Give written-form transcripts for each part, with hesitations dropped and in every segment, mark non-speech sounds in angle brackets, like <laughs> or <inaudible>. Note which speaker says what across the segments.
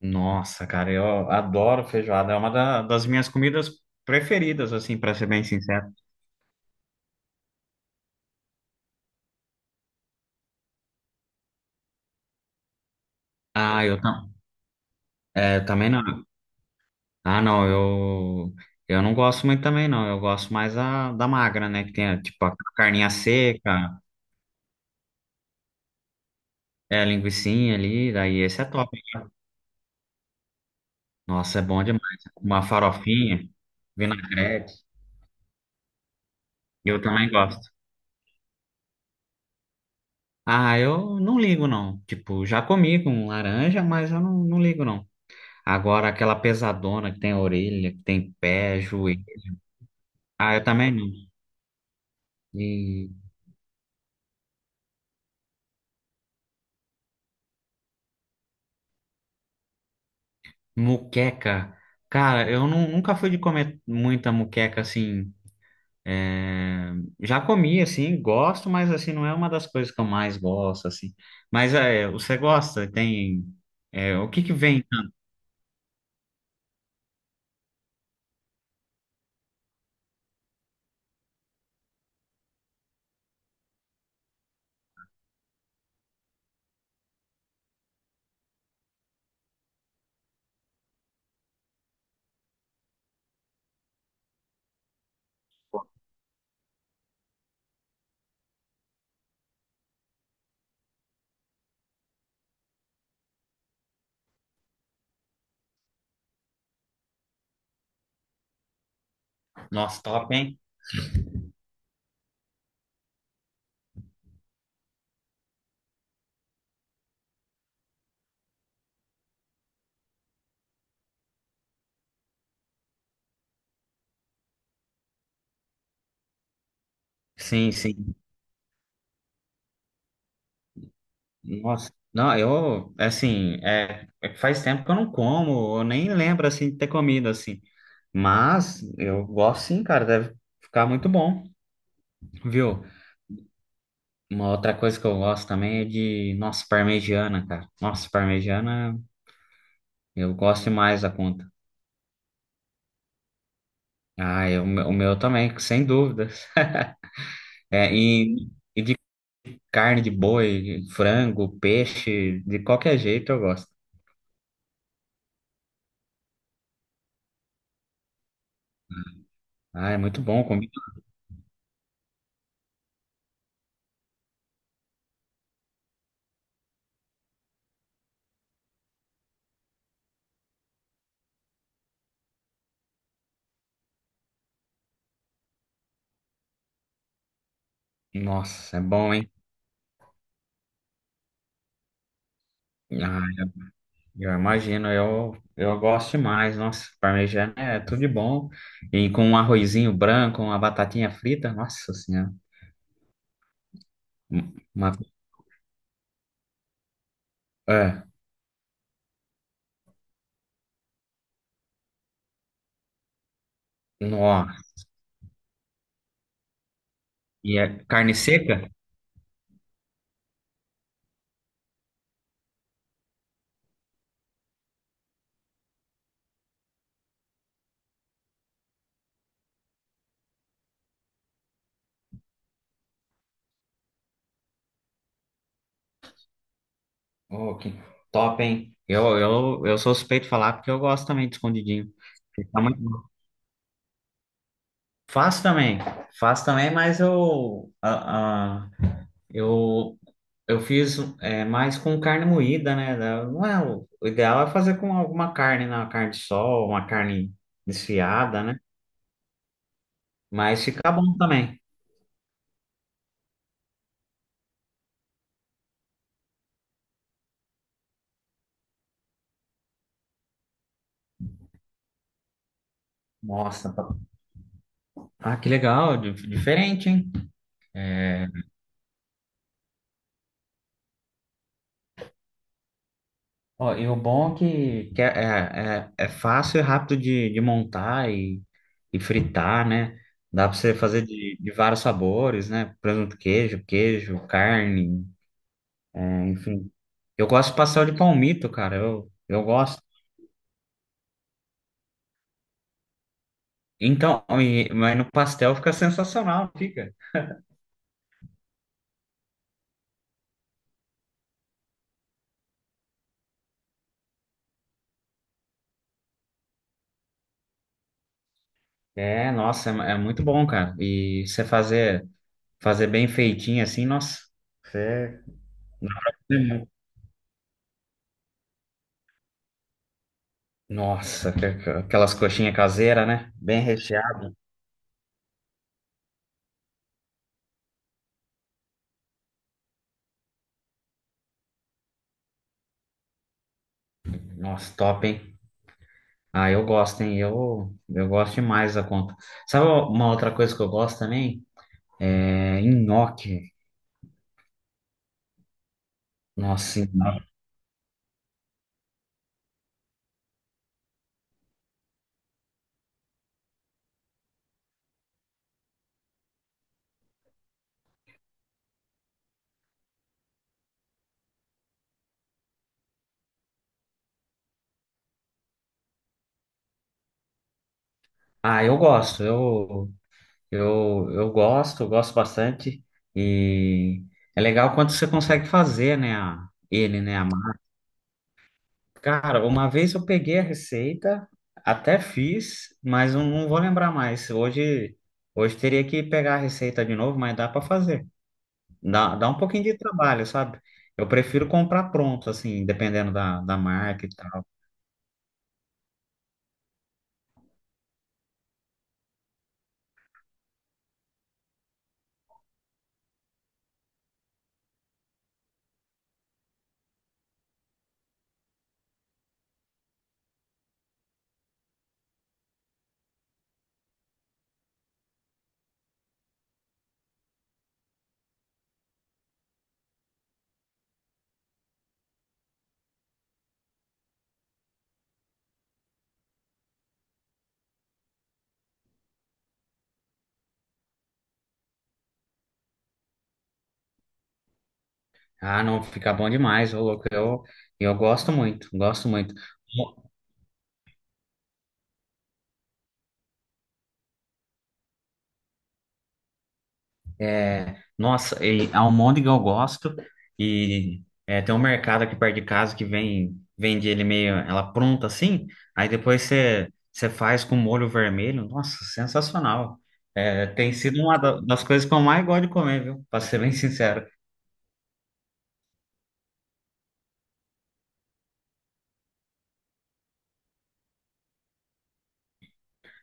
Speaker 1: Nossa, cara, eu adoro feijoada. É uma das minhas comidas preferidas, assim, pra ser bem sincero. Ah, eu também não. Ah, não, eu não gosto muito também, não. Eu gosto mais da magra, né? Que tem, tipo, a carninha seca, a linguicinha ali. Daí esse é top. Nossa, é bom demais. Uma farofinha, vinagrete. Eu também gosto. Ah, eu não ligo, não. Tipo, já comi com laranja, mas eu não ligo, não. Agora, aquela pesadona que tem orelha, que tem pé, joelho. Ah, eu também não. E muqueca. Cara, eu nunca fui de comer muita muqueca assim. é, Já comi, assim, gosto, mas assim, não é uma das coisas que eu mais gosto, assim. Mas, você gosta? Tem. O que que vem? Nossa, top, hein? Sim, sim. Nossa, não, eu, assim, faz tempo que eu não como, eu nem lembro, assim, de ter comido, assim. Mas eu gosto sim, cara, deve ficar muito bom, viu? Uma outra coisa que eu gosto também é de, nossa, parmegiana, cara. Nossa, parmegiana, eu gosto demais da conta. Ah, o meu também, sem dúvidas. <laughs> É, e de carne de boi, frango, peixe, de qualquer jeito eu gosto. Ah, é muito bom comigo. Nossa, é bom, hein? Ah, eu imagino, eu gosto demais. Nossa, parmegiana é tudo de bom. E com um arrozinho branco, uma batatinha frita, nossa senhora. Um- Uma, é, nó. E é carne seca? Oh, que top, hein? Eu sou suspeito de falar porque eu gosto também de escondidinho. Fica muito bom. Faço também, faço também, mas eu, a- eu Eu fiz mais com carne moída, né? Não é, o ideal é fazer com alguma carne, né? Uma carne de sol, uma carne desfiada, né? Mas fica bom também. Nossa, ah, que legal, diferente, hein? É, ó, e o bom é que é fácil e rápido de montar e fritar, né? Dá para você fazer de vários sabores, né? Presunto, queijo, queijo, carne, enfim. Eu gosto de pastel de palmito, cara. Eu gosto. Então, mas no pastel fica sensacional, fica. É, nossa, é muito bom, cara. E você fazer, bem feitinho assim, nossa. Você. Nossa, aquelas coxinhas caseiras, né? Bem recheado. Nossa, top, hein? Ah, eu gosto, hein? Eu gosto demais da conta. Sabe uma outra coisa que eu gosto também? É nhoque. Nossa, sim. Ah, eu gosto. Eu gosto bastante. E é legal quando você consegue fazer, né? Ele, né? Cara, uma vez eu peguei a receita, até fiz, mas eu não vou lembrar mais. Hoje teria que pegar a receita de novo, mas dá para fazer. Dá um pouquinho de trabalho, sabe? Eu prefiro comprar pronto, assim, dependendo da marca e tal. Ah, não, fica bom demais, ô louco. Eu gosto muito, gosto muito. É, nossa, e almôndega eu gosto e tem um mercado aqui perto de casa que vem vende ele meio ela pronta assim, aí depois você faz com molho vermelho, nossa, sensacional. É, tem sido uma das coisas que eu mais gosto de comer, viu? Pra ser bem sincero.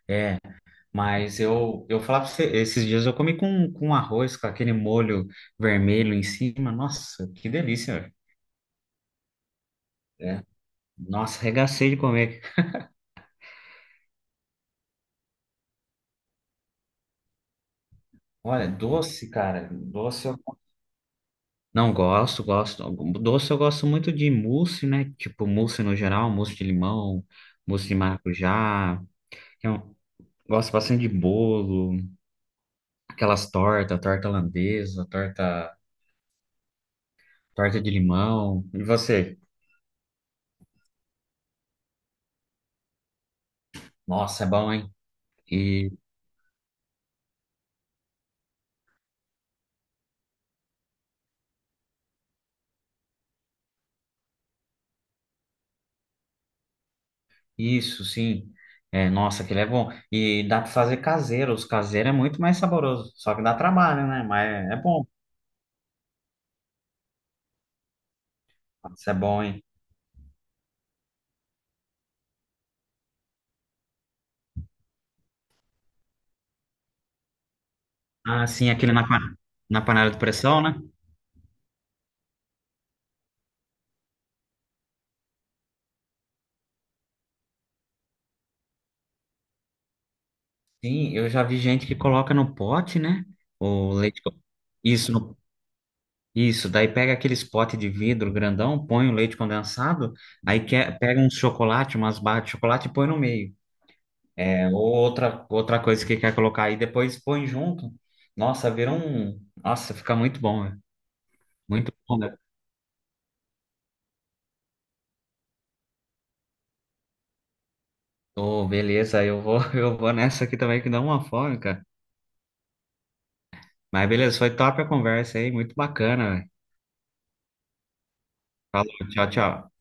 Speaker 1: É, mas eu falar pra você, esses dias eu comi com, arroz, com aquele molho vermelho em cima, nossa, que delícia, velho. É, nossa, regacei de comer. Olha, doce, cara, doce. Não gosto, gosto. Doce eu gosto muito de mousse, né? Tipo, mousse no geral, mousse de limão, mousse de maracujá. Eu gosto bastante de bolo, aquelas tortas, torta holandesa, torta de limão. E você? Nossa, é bom, hein? E isso, sim. É, nossa, aquele é bom. E dá pra fazer caseiro. Os caseiros é muito mais saboroso. Só que dá trabalho, né? Mas é bom. Nossa, é bom, hein? Ah, sim, aquele na panela de pressão, né? Sim, eu já vi gente que coloca no pote, né? O leite. Isso, isso. Daí pega aqueles potes de vidro grandão, põe o leite condensado, aí pega um chocolate, umas barras de chocolate e põe no meio. É, ou outra coisa que quer colocar aí, depois põe junto. Nossa, vira um. Nossa, fica muito bom, velho. Muito bom, né? Ô, beleza, eu vou, <laughs> eu vou nessa aqui também que dá uma fome, cara. Mas beleza, foi top a conversa aí, muito bacana, velho. Falou, tchau, tchau.